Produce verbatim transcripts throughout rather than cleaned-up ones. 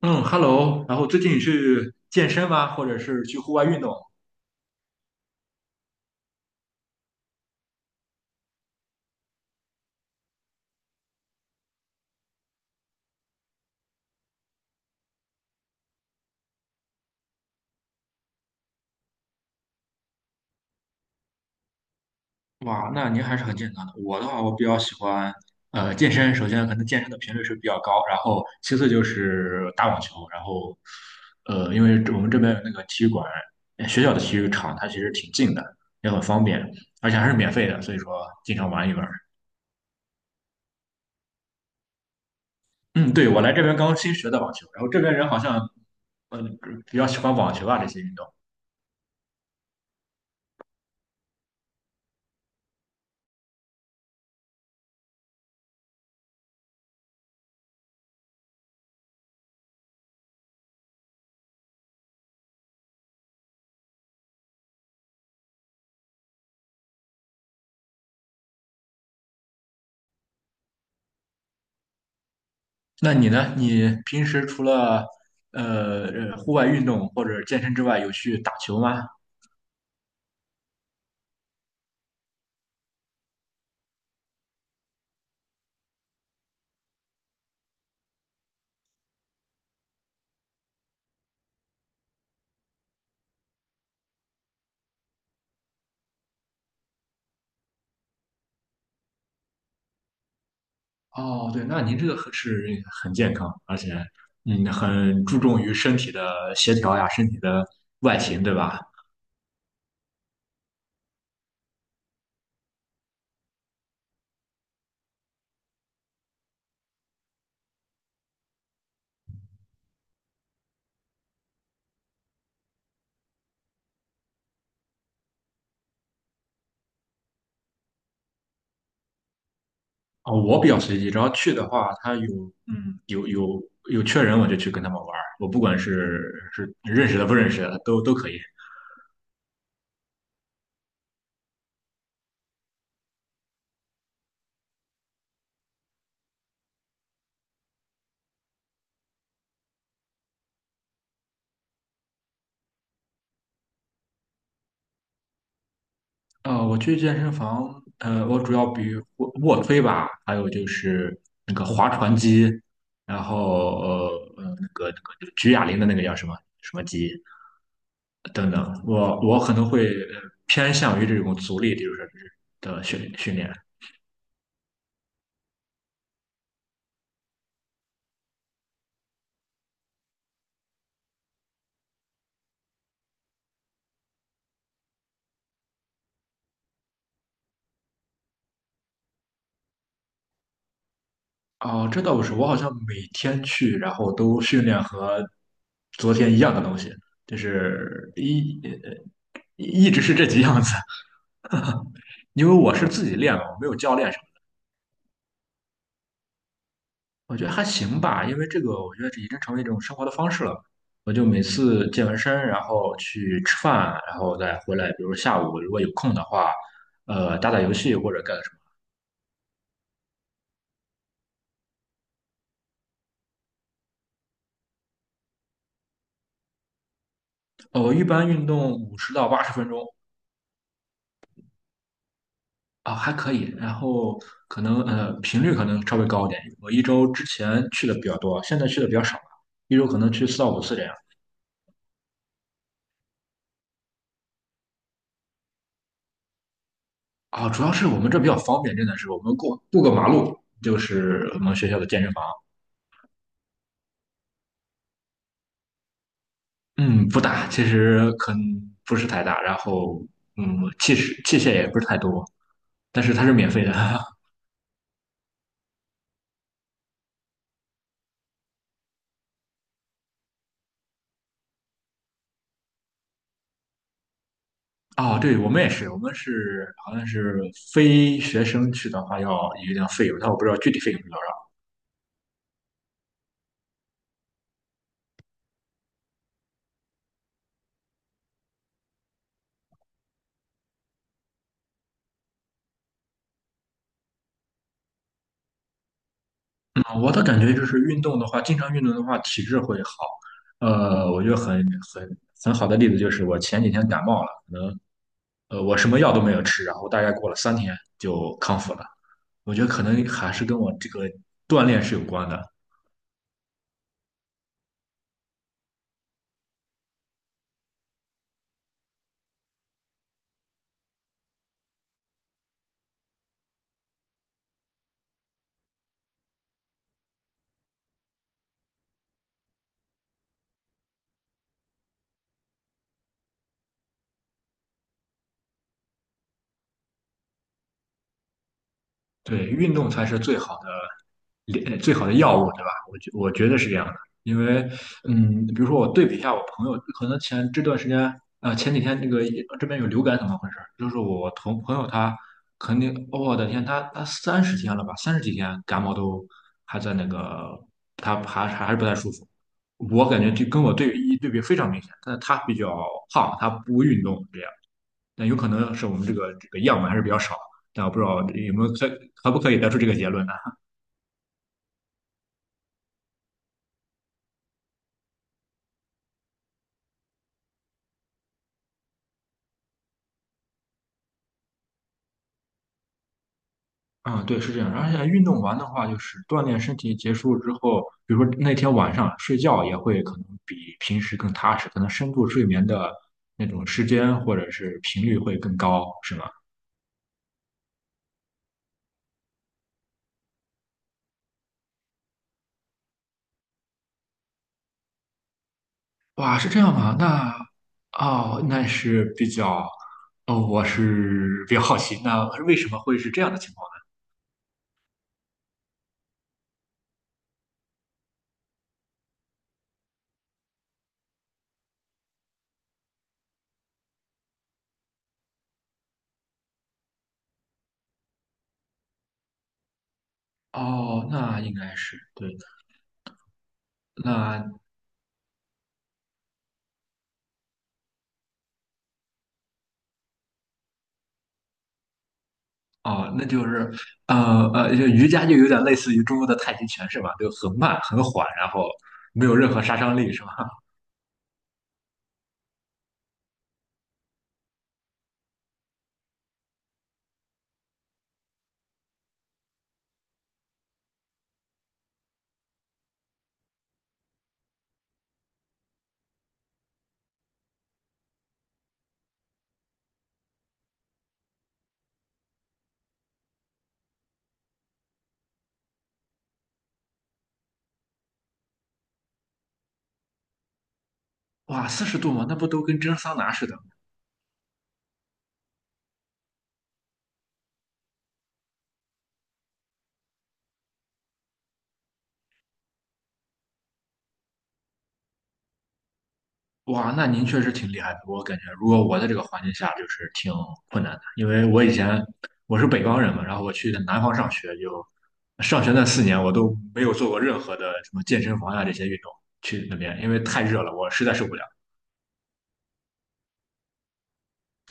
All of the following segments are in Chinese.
嗯，Hello，然后最近去健身吗？或者是去户外运动？哇，那您还是很健康的。我的话，我比较喜欢呃健身。首先可能健身的频率是比较高，然后其次就是打网球，然后呃，因为这我们这边有那个体育馆，呃学校的体育场它其实挺近的，也很方便，而且还是免费的，所以说经常玩一玩。嗯，对，我来这边刚新学的网球，然后这边人好像嗯呃比较喜欢网球啊这些运动。那你呢？你平时除了呃呃户外运动或者健身之外，有去打球吗？哦，对，那您这个很是很健康，而且嗯很注重于身体的协调呀，身体的外形，对吧？哦，我比较随机，只要去的话，他有嗯有有有缺人，我就去跟他们玩儿，我不管是是认识的不认识的，都都可以。呃，我去健身房，呃，我主要比卧卧推吧，还有就是那个划船机，然后呃呃那个那个举哑铃的那个叫什么什么机等等，我我可能会呃偏向于这种阻力，就是的训训练。哦，这倒不是，我好像每天去，然后都训练和昨天一样的东西，就是一呃一直是这几样子，因为我是自己练的，我没有教练。我觉得还行吧，因为这个我觉得这已经成为一种生活的方式了。我就每次健完身，然后去吃饭，然后再回来，比如下午如果有空的话，呃，打打游戏或者干什么的。呃，我一般运动五十到八十分钟。啊，还可以。然后可能呃频率可能稍微高一点，我一周之前去的比较多，现在去的比较少了，一周可能去四到五次这样。啊，主要是我们这比较方便，真的是我们过过个马路就是我们学校的健身房。嗯，不大，其实可能不是太大，然后嗯，器械器械也不是太多，但是它是免费的。哦，对，我们也是，我们是好像是非学生去的话要有一定费用，但我不知道具体费用是多少。嗯，我的感觉就是运动的话，经常运动的话，体质会好。呃，我觉得很很很好的例子就是我前几天感冒了，呃，我什么药都没有吃，然后大概过了三天就康复了。我觉得可能还是跟我这个锻炼是有关的。对，运动才是最好的最好的药物，对吧？我觉我觉得是这样的，因为嗯，比如说我对比一下我朋友，可能前这段时间啊呃前几天那个这边有流感，怎么回事？就是我同朋友他肯定，我的天，他他三十天了吧，三十几天感冒都还在那个，他还还是不太舒服。我感觉就跟我对比一对比非常明显，但是他比较胖，他不运动，这样。但有可能是我们这个这个样本还是比较少，但我不知道有没有可可不可以得出这个结论呢？啊，对，是这样。而且运动完的话，就是锻炼身体结束之后，比如说那天晚上睡觉也会可能比平时更踏实，可能深度睡眠的那种时间或者是频率会更高，是吗？哇，是这样吗？那哦，那是比较，哦，我是比较好奇，那为什么会是这样的情况呢？哦，那应该是对的。那哦，那就是，呃呃，就瑜伽就有点类似于中国的太极拳是吧？就很慢很缓，然后没有任何杀伤力是吧？哇，四十度嘛，那不都跟蒸桑拿似的吗？哇，那您确实挺厉害的。我感觉如果我在这个环境下，就是挺困难的，因为我以前我是北方人嘛，然后我去的南方上学就，上学那四年我都没有做过任何的什么健身房呀、这些运动，去那边因为太热了，我实在受不了。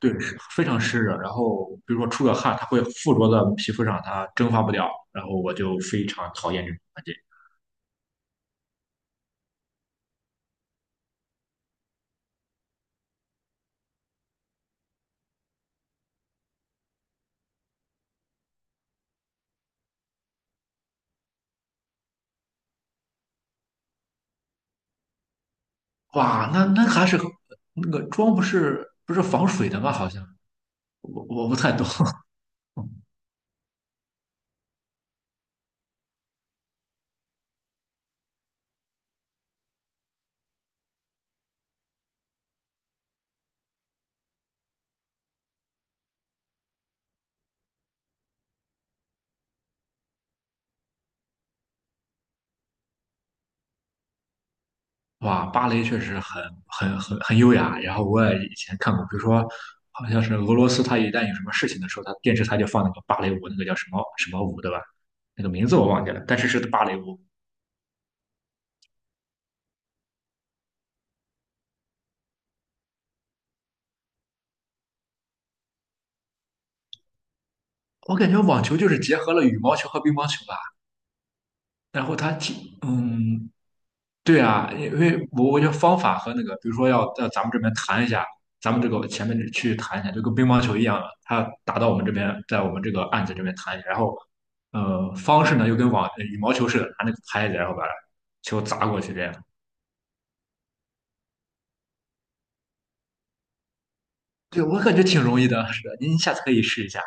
对，是非常湿热。然后比如说出个汗，它会附着在皮肤上，它蒸发不掉。然后我就非常讨厌这种环境。哇，那那还是那个妆不是不是防水的吗？好像我我不太懂。哇，芭蕾确实很很很很优雅。然后我也以前看过，比如说好像是俄罗斯，它一旦有什么事情的时候，它电视台就放那个芭蕾舞，那个叫什么什么舞，对吧？那个名字我忘记了，但是是芭蕾舞。我感觉网球就是结合了羽毛球和乒乓球吧。然后它挺嗯，对啊，因为我我觉得方法和那个，比如说要到咱们这边弹一下，咱们这个前面这去弹一下，就跟乒乓球一样的，它打到我们这边，在我们这个案子这边弹一下，然后呃方式呢又跟网呃羽毛球似的，拿那个拍子，然后把球砸过去这样。对，我感觉挺容易的，是的，您下次可以试一下。